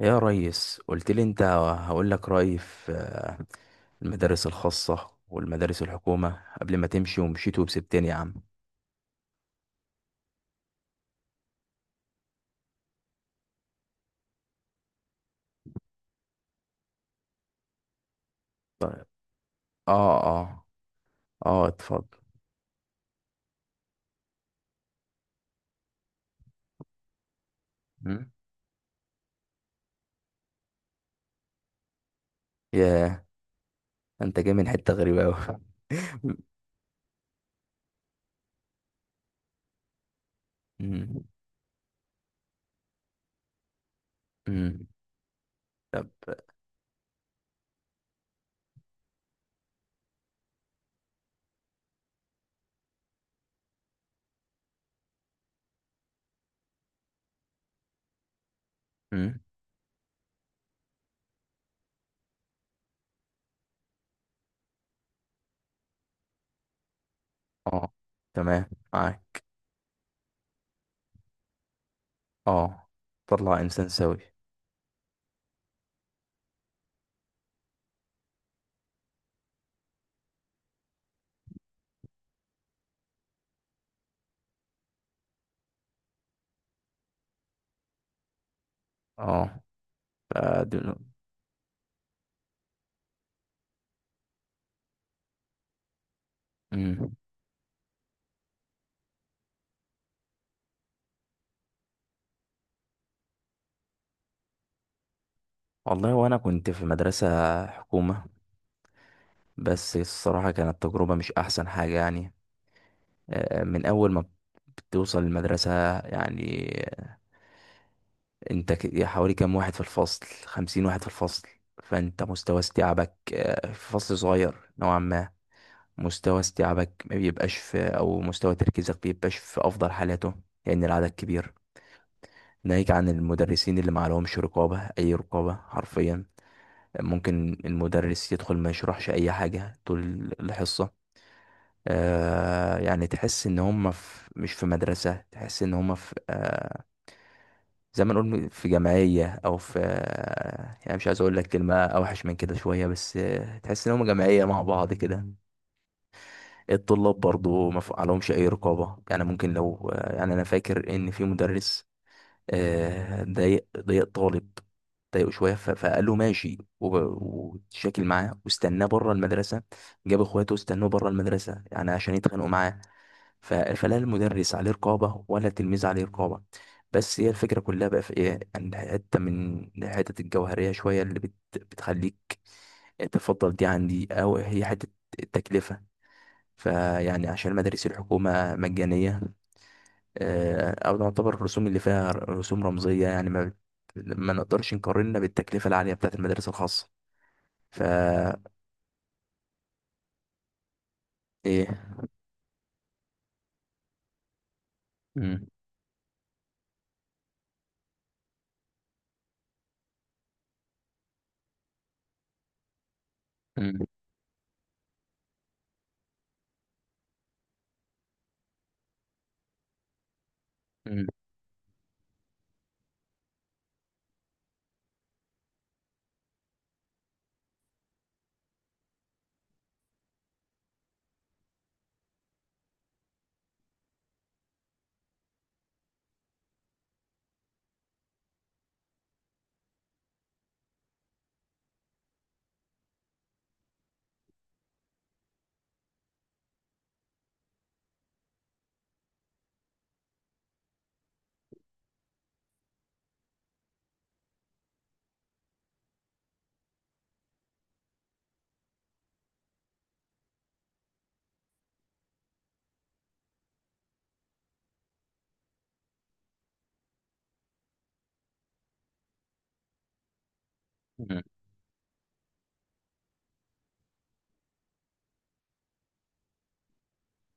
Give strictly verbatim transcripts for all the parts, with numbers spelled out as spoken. يا ريس قلت لي انت هقول لك رأيي في آه، المدارس الخاصة والمدارس الحكومة قبل ما تمشي ومشيت وسبتني يا عم. طيب. اه اه. اه اتفضل. مم. ياه، انت جاي من حتة غريبة اوي. مم. مم. طب. مم. اه، تمام معاك. اه، طلع انسان سوي. اه، آه، دول- مم. والله وانا كنت في مدرسة حكومة، بس الصراحة كانت تجربة مش احسن حاجة يعني. آه، من اول ما بتوصل المدرسة يعني، انت ك- حوالي كام واحد في الفصل؟ خمسين واحد في الفصل. فانت مستوى استيعابك آه، في فصل صغير نوعا ما، مستوى استيعابك ما بيبقاش في، او مستوى تركيزك بيبقاش في افضل حالاته لان العدد كبير. ناهيك عن المدرسين اللي معلهمش رقابة، اي رقابة حرفيا. ممكن المدرس يدخل ما يشرحش اي حاجة طول الحصة. آه يعني تحس ان هم في، مش في مدرسة، تحس ان هم في آه، زي ما نقول في جمعية، أو في، يعني مش عايز أقول لك كلمة أوحش من كده شوية، بس تحس إنهم جمعية مع بعض كده. الطلاب برضو ما ف- عليهمش أي رقابة. يعني ممكن لو، يعني أنا فاكر إن في مدرس آه، ضايق ضايق طالب، ضايقه شوية ف- فقال له ماشي وب- واتشاكل معاه واستناه بره المدرسة. جاب إخواته واستنوه بره المدرسة يعني عشان يتخانقوا معاه. ف- فلا المدرس عليه رقابة ولا التلميذ عليه رقابة. بس هي الفكرة كلها بقى في ايه، ان حتة من الحتت الجوهرية شوية اللي بت بتخليك تفضل دي عن دي، او هي حتة التكلفة. فيعني عشان مدارس الحكومة مجانية، آه، او نعتبر الرسوم اللي فيها رسوم رمزية يعني، ما ما نقدرش نقارنها بالتكلفة العالية بتاعت المدارس الخاصة. فا ايه. مم، مم، مم، مم.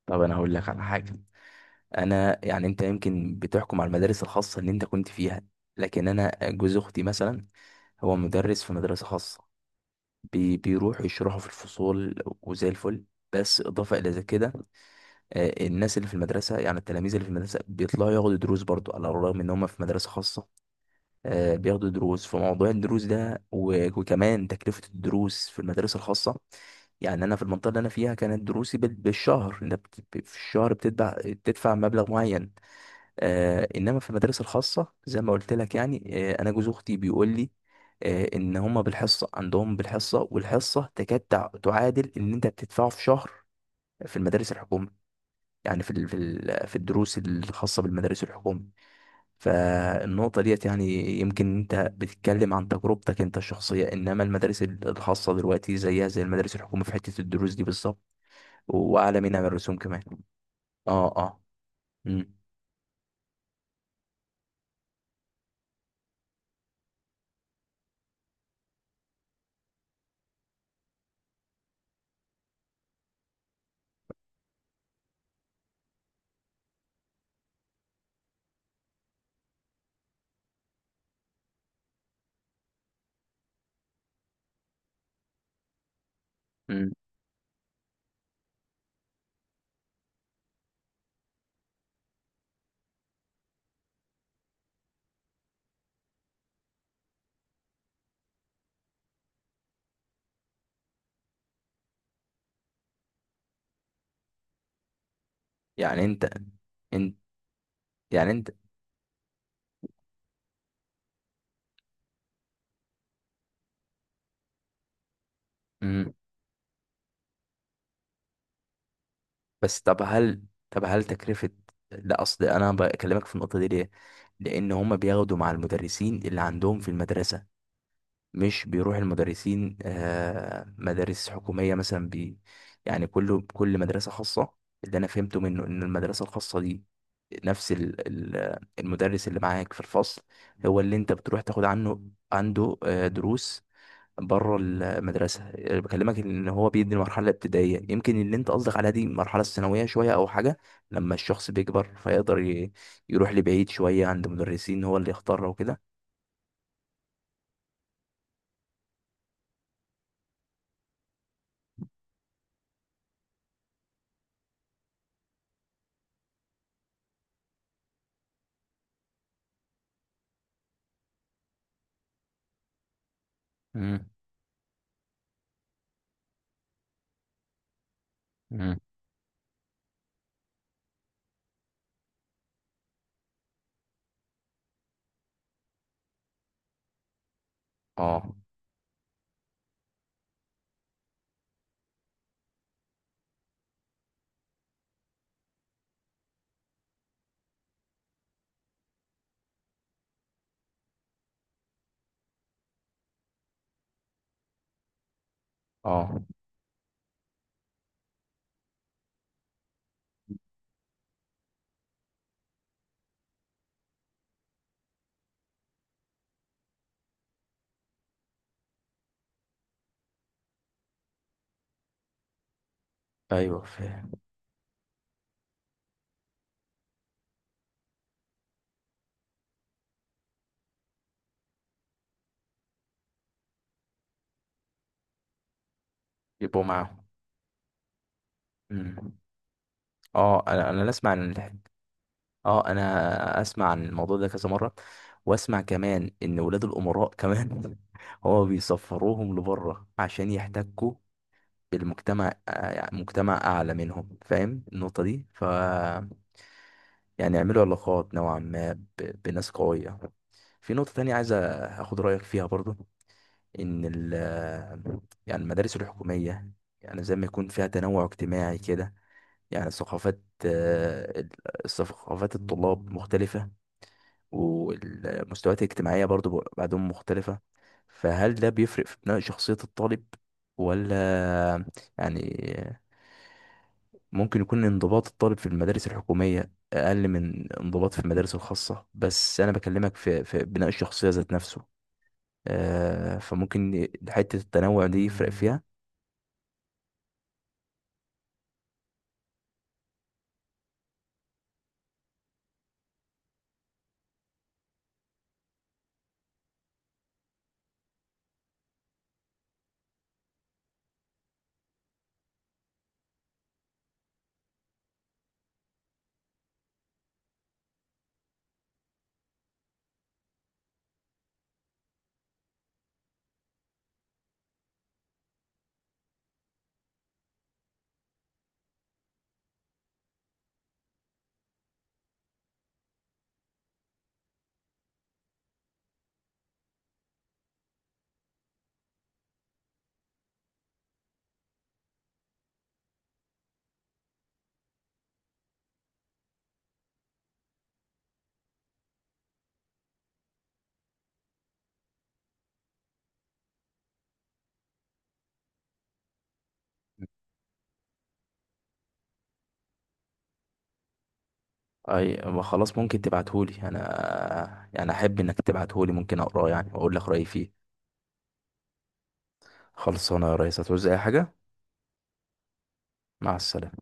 طب انا هقول لك على حاجة. انا يعني، انت يمكن بتحكم على المدارس الخاصه اللي انت كنت فيها، لكن انا جوز اختي مثلا هو مدرس في مدرسه خاصه. بي بيروح يشرحه في الفصول وزي الفل، بس اضافه الى كده آه، الناس اللي في المدرسه، يعني التلاميذ اللي في المدرسه بيطلعوا ياخدوا دروس برضو على الرغم ان هم في مدرسه خاصه. آه، بياخدوا دروس. فموضوع الدروس ده و- وكمان تكلفه الدروس في المدارس الخاصه، يعني انا في المنطقه اللي انا فيها كانت دروسي بال- بالشهر. انت بت- في الشهر بتدفع، بتدفع مبلغ معين. آه، انما في المدارس الخاصه زي ما قلت لك، يعني آه، انا جوز اختي بيقول لي آه ان هما بالحصه، عندهم بالحصه، والحصه تكاد تع- تعادل اللي انت بتدفعه في شهر في المدارس الحكوميه. يعني في ال- في ال- في الدروس الخاصه بالمدارس الحكوميه. فالنقطه ديت يعني، يمكن انت بتتكلم عن تجربتك انت الشخصيه، انما المدارس ال- الخاصه دلوقتي زيها زي المدارس الحكوميه في حته الدروس دي بالظبط، واعلى منها من الرسوم كمان. اه اه. امم امم. يعني انت انت يعني انت. مم. بس طب هل، طب هل تكلفة، لا اصل انا بكلمك في النقطة دي ليه، لان هما بياخدوا مع المدرسين اللي عندهم في المدرسة. مش بيروح المدرسين آه، مدارس حكومية مثلا. بي يعني كله، كل مدرسة خاصة اللي انا فهمته منه ان المدرسة الخاصة دي نفس ال- ال- المدرس اللي معاك في الفصل هو اللي انت بتروح تاخد عنه، عنده آه، دروس بره المدرسه. أنا بكلمك ان هو بيدي المرحله الابتدائيه، يمكن اللي انت قصدك عليها دي المرحله الثانويه شويه او حاجه، لما الشخص بيكبر فيقدر ي- يروح لبعيد شويه عند مدرسين هو اللي يختاره وكده. مم. مم. اه اه. ايوه فاهم. يبقوا معاهم. أمم. اه، انا انا اسمع عن الحاج. اه، انا اسمع عن الموضوع ده كذا مره، واسمع كمان ان ولاد الامراء كمان هو بيسفروهم لبره عشان يحتكوا بالمجتمع، آه، يعني مجتمع اعلى منهم، فاهم النقطة دي؟ ف يعني يعملوا علاقات نوعا ما ب- بناس قوية. في نقطة تانية عايز اخد رأيك فيها برضو، ان ال، يعني المدارس الحكومية يعني زي ما يكون فيها تنوع اجتماعي كده، يعني ثقافات آه، ال- ثقافات الطلاب مختلفة، والمستويات الاجتماعية برضو ب- بعدهم مختلفة. فهل ده بيفرق في بناء شخصية الطالب ولا؟ يعني ممكن يكون انضباط الطالب في المدارس الحكومية أقل من انضباط في المدارس الخاصة، بس أنا بكلمك في, في بناء الشخصية ذات نفسه. آه، فممكن حتة التنوع دي يفرق فيها. أي ما خلاص، ممكن تبعتهولي أنا، يعني أحب إنك تبعتهولي، ممكن أقراه يعني وأقول لك رأيي فيه. خلصانة يا ريس، هتعوز أي حاجة؟ مع السلامة.